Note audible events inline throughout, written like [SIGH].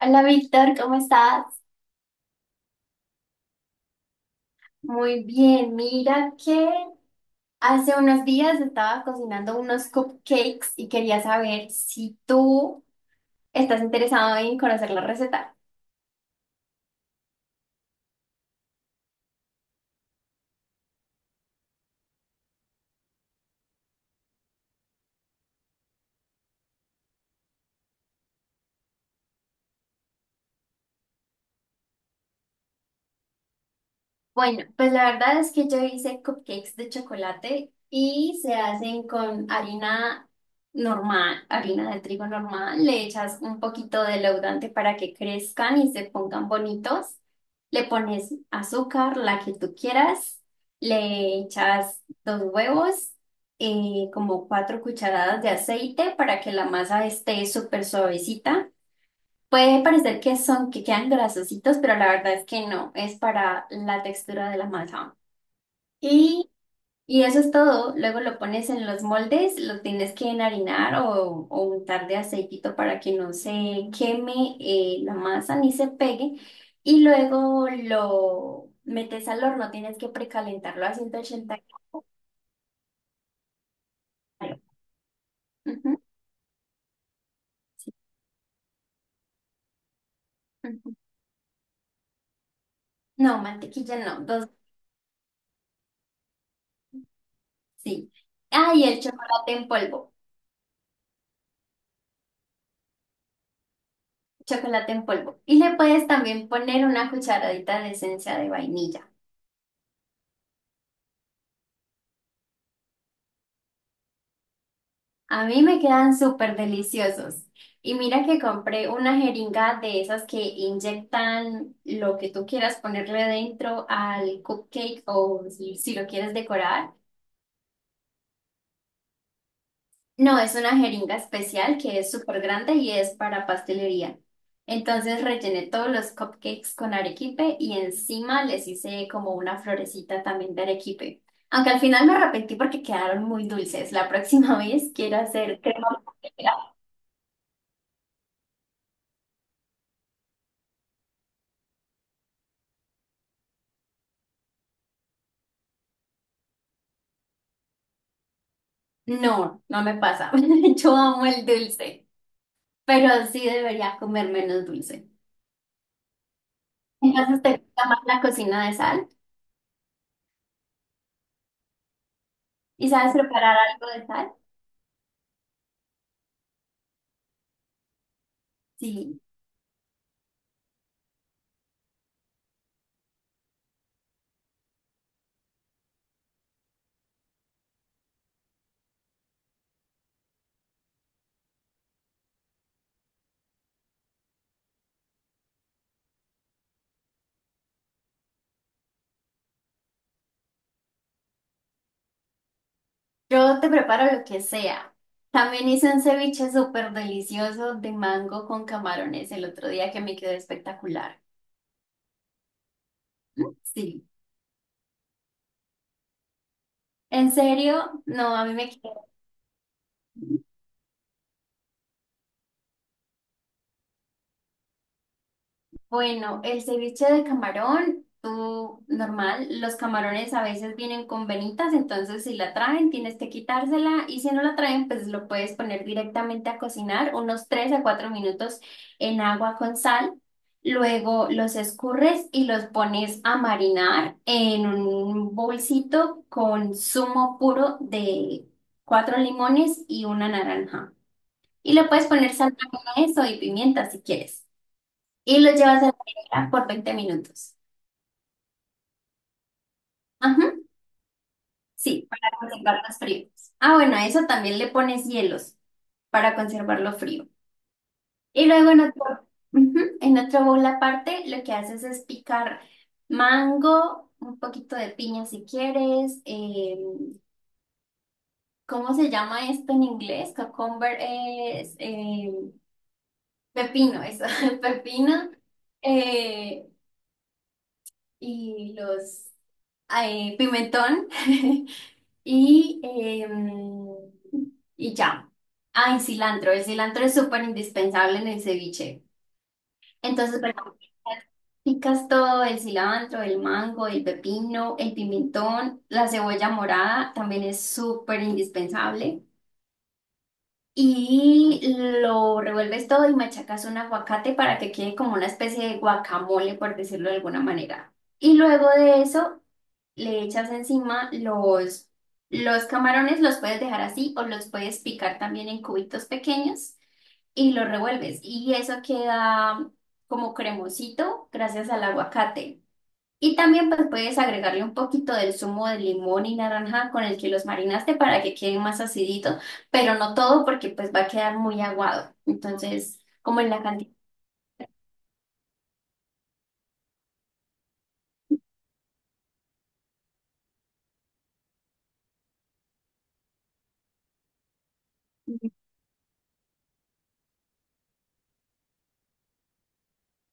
Hola Víctor, ¿cómo estás? Muy bien, mira que hace unos días estaba cocinando unos cupcakes y quería saber si tú estás interesado en conocer la receta. Bueno, pues la verdad es que yo hice cupcakes de chocolate y se hacen con harina normal, harina de trigo normal. Le echas un poquito de leudante para que crezcan y se pongan bonitos. Le pones azúcar, la que tú quieras. Le echas dos huevos, como 4 cucharadas de aceite para que la masa esté súper suavecita. Puede parecer que quedan grasositos, pero la verdad es que no, es para la textura de la masa. Y, y eso es todo. Luego lo pones en los moldes, lo tienes que enharinar o untar de aceitito para que no se queme la masa ni se pegue. Y luego lo metes al horno, tienes que precalentarlo a 180 grados. Ujú, sí, ujú. No, mantequilla no, dos, sí. Ah, y el chocolate en polvo. Chocolate en polvo. Y le puedes también poner una cucharadita de esencia de vainilla. A mí me quedan súper deliciosos. Y mira que compré una jeringa de esas que inyectan lo que tú quieras ponerle dentro al cupcake o si lo quieres decorar. No, es una jeringa especial que es súper grande y es para pastelería. Entonces rellené todos los cupcakes con arequipe y encima les hice como una florecita también de arequipe. Aunque al final me arrepentí porque quedaron muy dulces. La próxima [LAUGHS] vez quiero hacer crema pastelera. No, no me pasa. [LAUGHS] Yo amo el dulce, pero sí debería comer menos dulce. Entonces te gusta más la cocina de sal. ¿Y sabes preparar algo de sal? Sí. Yo te preparo lo que sea. También hice un ceviche súper delicioso de mango con camarones el otro día que me quedó espectacular. Sí. En serio, no, a mí me quedó. Bueno, el ceviche de camarón, tú normal, los camarones a veces vienen con venitas, entonces si la traen tienes que quitársela y si no la traen pues lo puedes poner directamente a cocinar unos 3 a 4 minutos en agua con sal. Luego los escurres y los pones a marinar en un bolsito con zumo puro de cuatro limones y una naranja. Y le puedes poner sal también a eso y pimienta si quieres y lo llevas a la nevera por 20 minutos. Ajá, sí, para conservarlos fríos. Ah, bueno, a eso también le pones hielos para conservarlo frío. Y luego en otro, ujú, en otro bowl aparte, lo que haces es picar mango, un poquito de piña si quieres. ¿ Cómo se llama esto en inglés? Cucumber es pepino, eso, [LAUGHS] pepino. eh, y los pimentón. [LAUGHS] Y, em, y ya. Ah, y cilantro. El cilantro es súper indispensable en el ceviche. Entonces, bueno, picas todo, el cilantro, el mango, el pepino, el pimentón, la cebolla morada también es súper indispensable. Y lo revuelves todo y machacas un aguacate para que quede como una especie de guacamole, por decirlo de alguna manera. Y luego de eso le echas encima los camarones, los puedes dejar así o los puedes picar también en cubitos pequeños y los revuelves. Y eso queda como cremosito gracias al aguacate. Y también pues puedes agregarle un poquito del zumo de limón y naranja con el que los marinaste para que queden más aciditos, pero no todo porque pues va a quedar muy aguado. Entonces, como en la cantidad.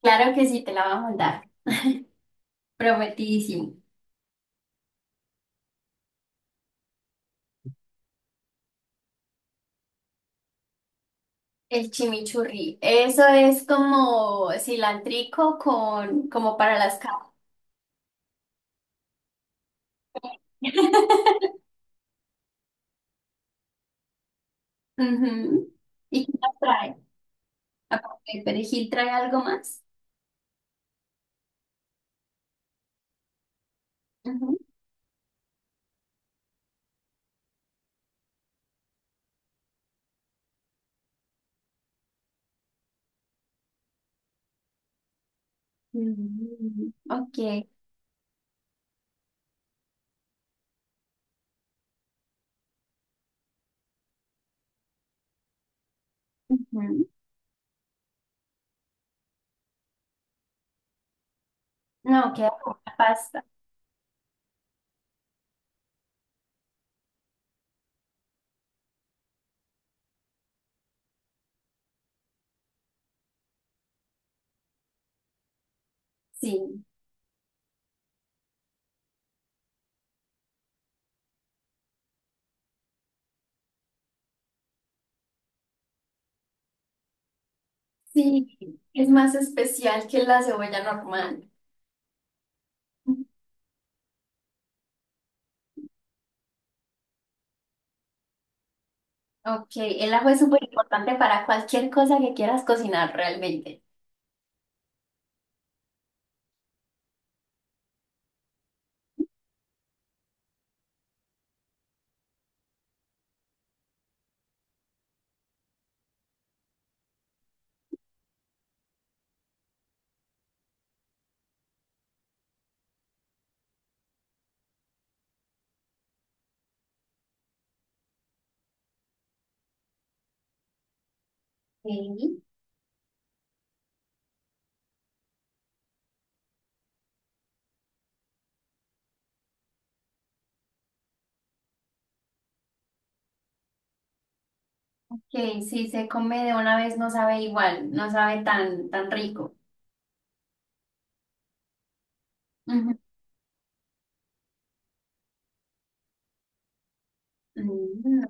Claro que sí, te la va a mandar. Prometidísimo. El chimichurri. Eso es como cilantrico con, como para las carnes. [LAUGHS] Ujú. ¿Y qué más trae? Aparte del perejil, ¿trae algo más? Ujú. Mm, ok. Ujú. No, queda como una pasta. Sí, sí. Es más especial que la cebolla normal. Ujú. Ok, el ajo es súper importante para cualquier cosa que quieras cocinar realmente. Sí, que si se come de una vez no sabe igual, no sabe tan, tan rico. Ujú. Mm.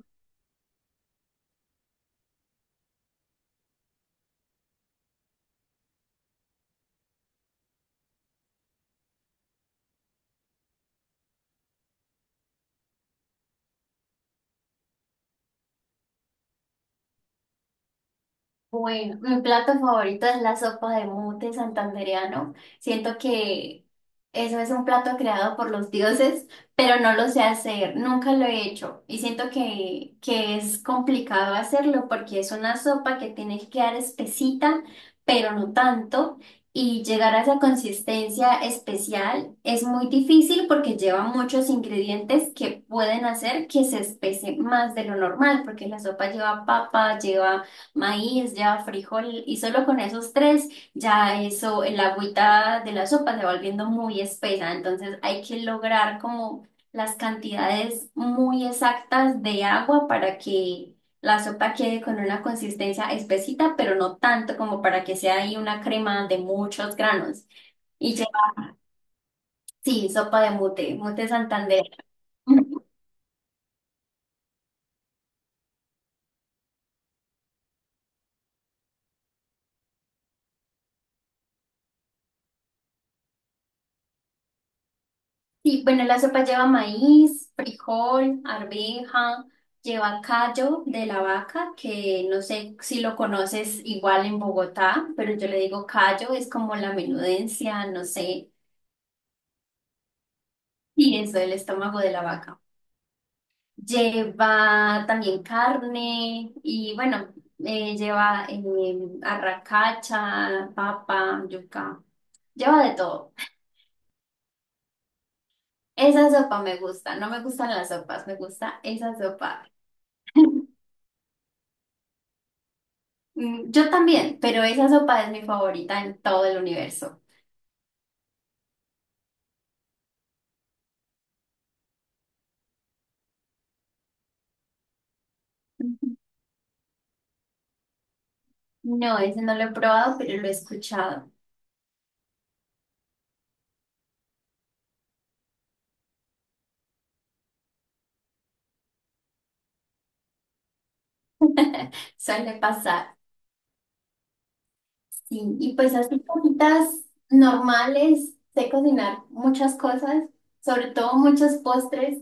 Bueno, mi plato favorito es la sopa de mute santandereano. Siento que eso es un plato creado por los dioses, pero no lo sé hacer, nunca lo he hecho y siento que es complicado hacerlo porque es una sopa que tiene que quedar espesita, pero no tanto. Y llegar a esa consistencia especial es muy difícil porque lleva muchos ingredientes que pueden hacer que se espese más de lo normal, porque la sopa lleva papa, lleva maíz, ya frijol, y solo con esos tres, ya eso, el agüita de la sopa se va volviendo muy espesa, entonces hay que lograr como las cantidades muy exactas de agua para que la sopa quede con una consistencia espesita, pero no tanto como para que sea ahí una crema de muchos granos. Y ya, sí, sopa de mute, mute Santander. Sí, bueno, la sopa lleva maíz, frijol, arveja, lleva callo de la vaca, que no sé si lo conoces igual en Bogotá, pero yo le digo callo, es como la menudencia, no sé, y eso, el estómago de la vaca. Lleva también carne y bueno, lleva arracacha, papa, yuca, lleva de todo. Esa sopa me gusta, no me gustan las sopas, me gusta esa sopa. [LAUGHS] Yo también, pero esa sopa es mi favorita en todo el universo. Ujú. No, ese no lo he probado, pero lo he escuchado. [LAUGHS] Suele pasar. Sí, y pues así cositas normales, sé cocinar muchas cosas, sobre todo muchos postres.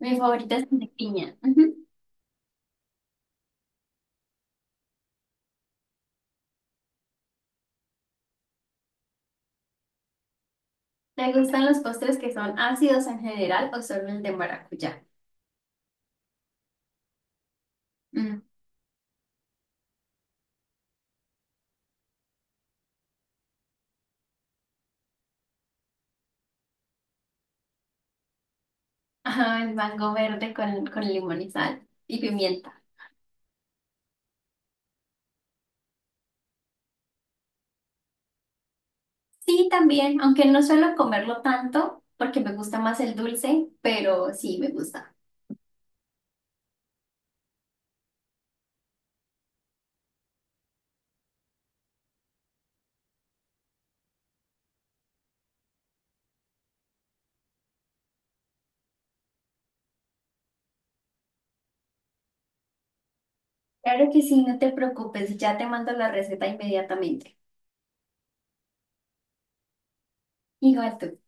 Mi favorita es el de piña. Ujú. ¿Te gustan los postres que son ácidos en general o solo el de maracuyá? Mm. [LAUGHS] Ajá, el mango verde con limón y sal y pimienta. Sí, también, aunque no suelo comerlo tanto porque me gusta más el dulce, pero sí me gusta. Claro que sí, no te preocupes, ya te mando la receta inmediatamente. Igual tú.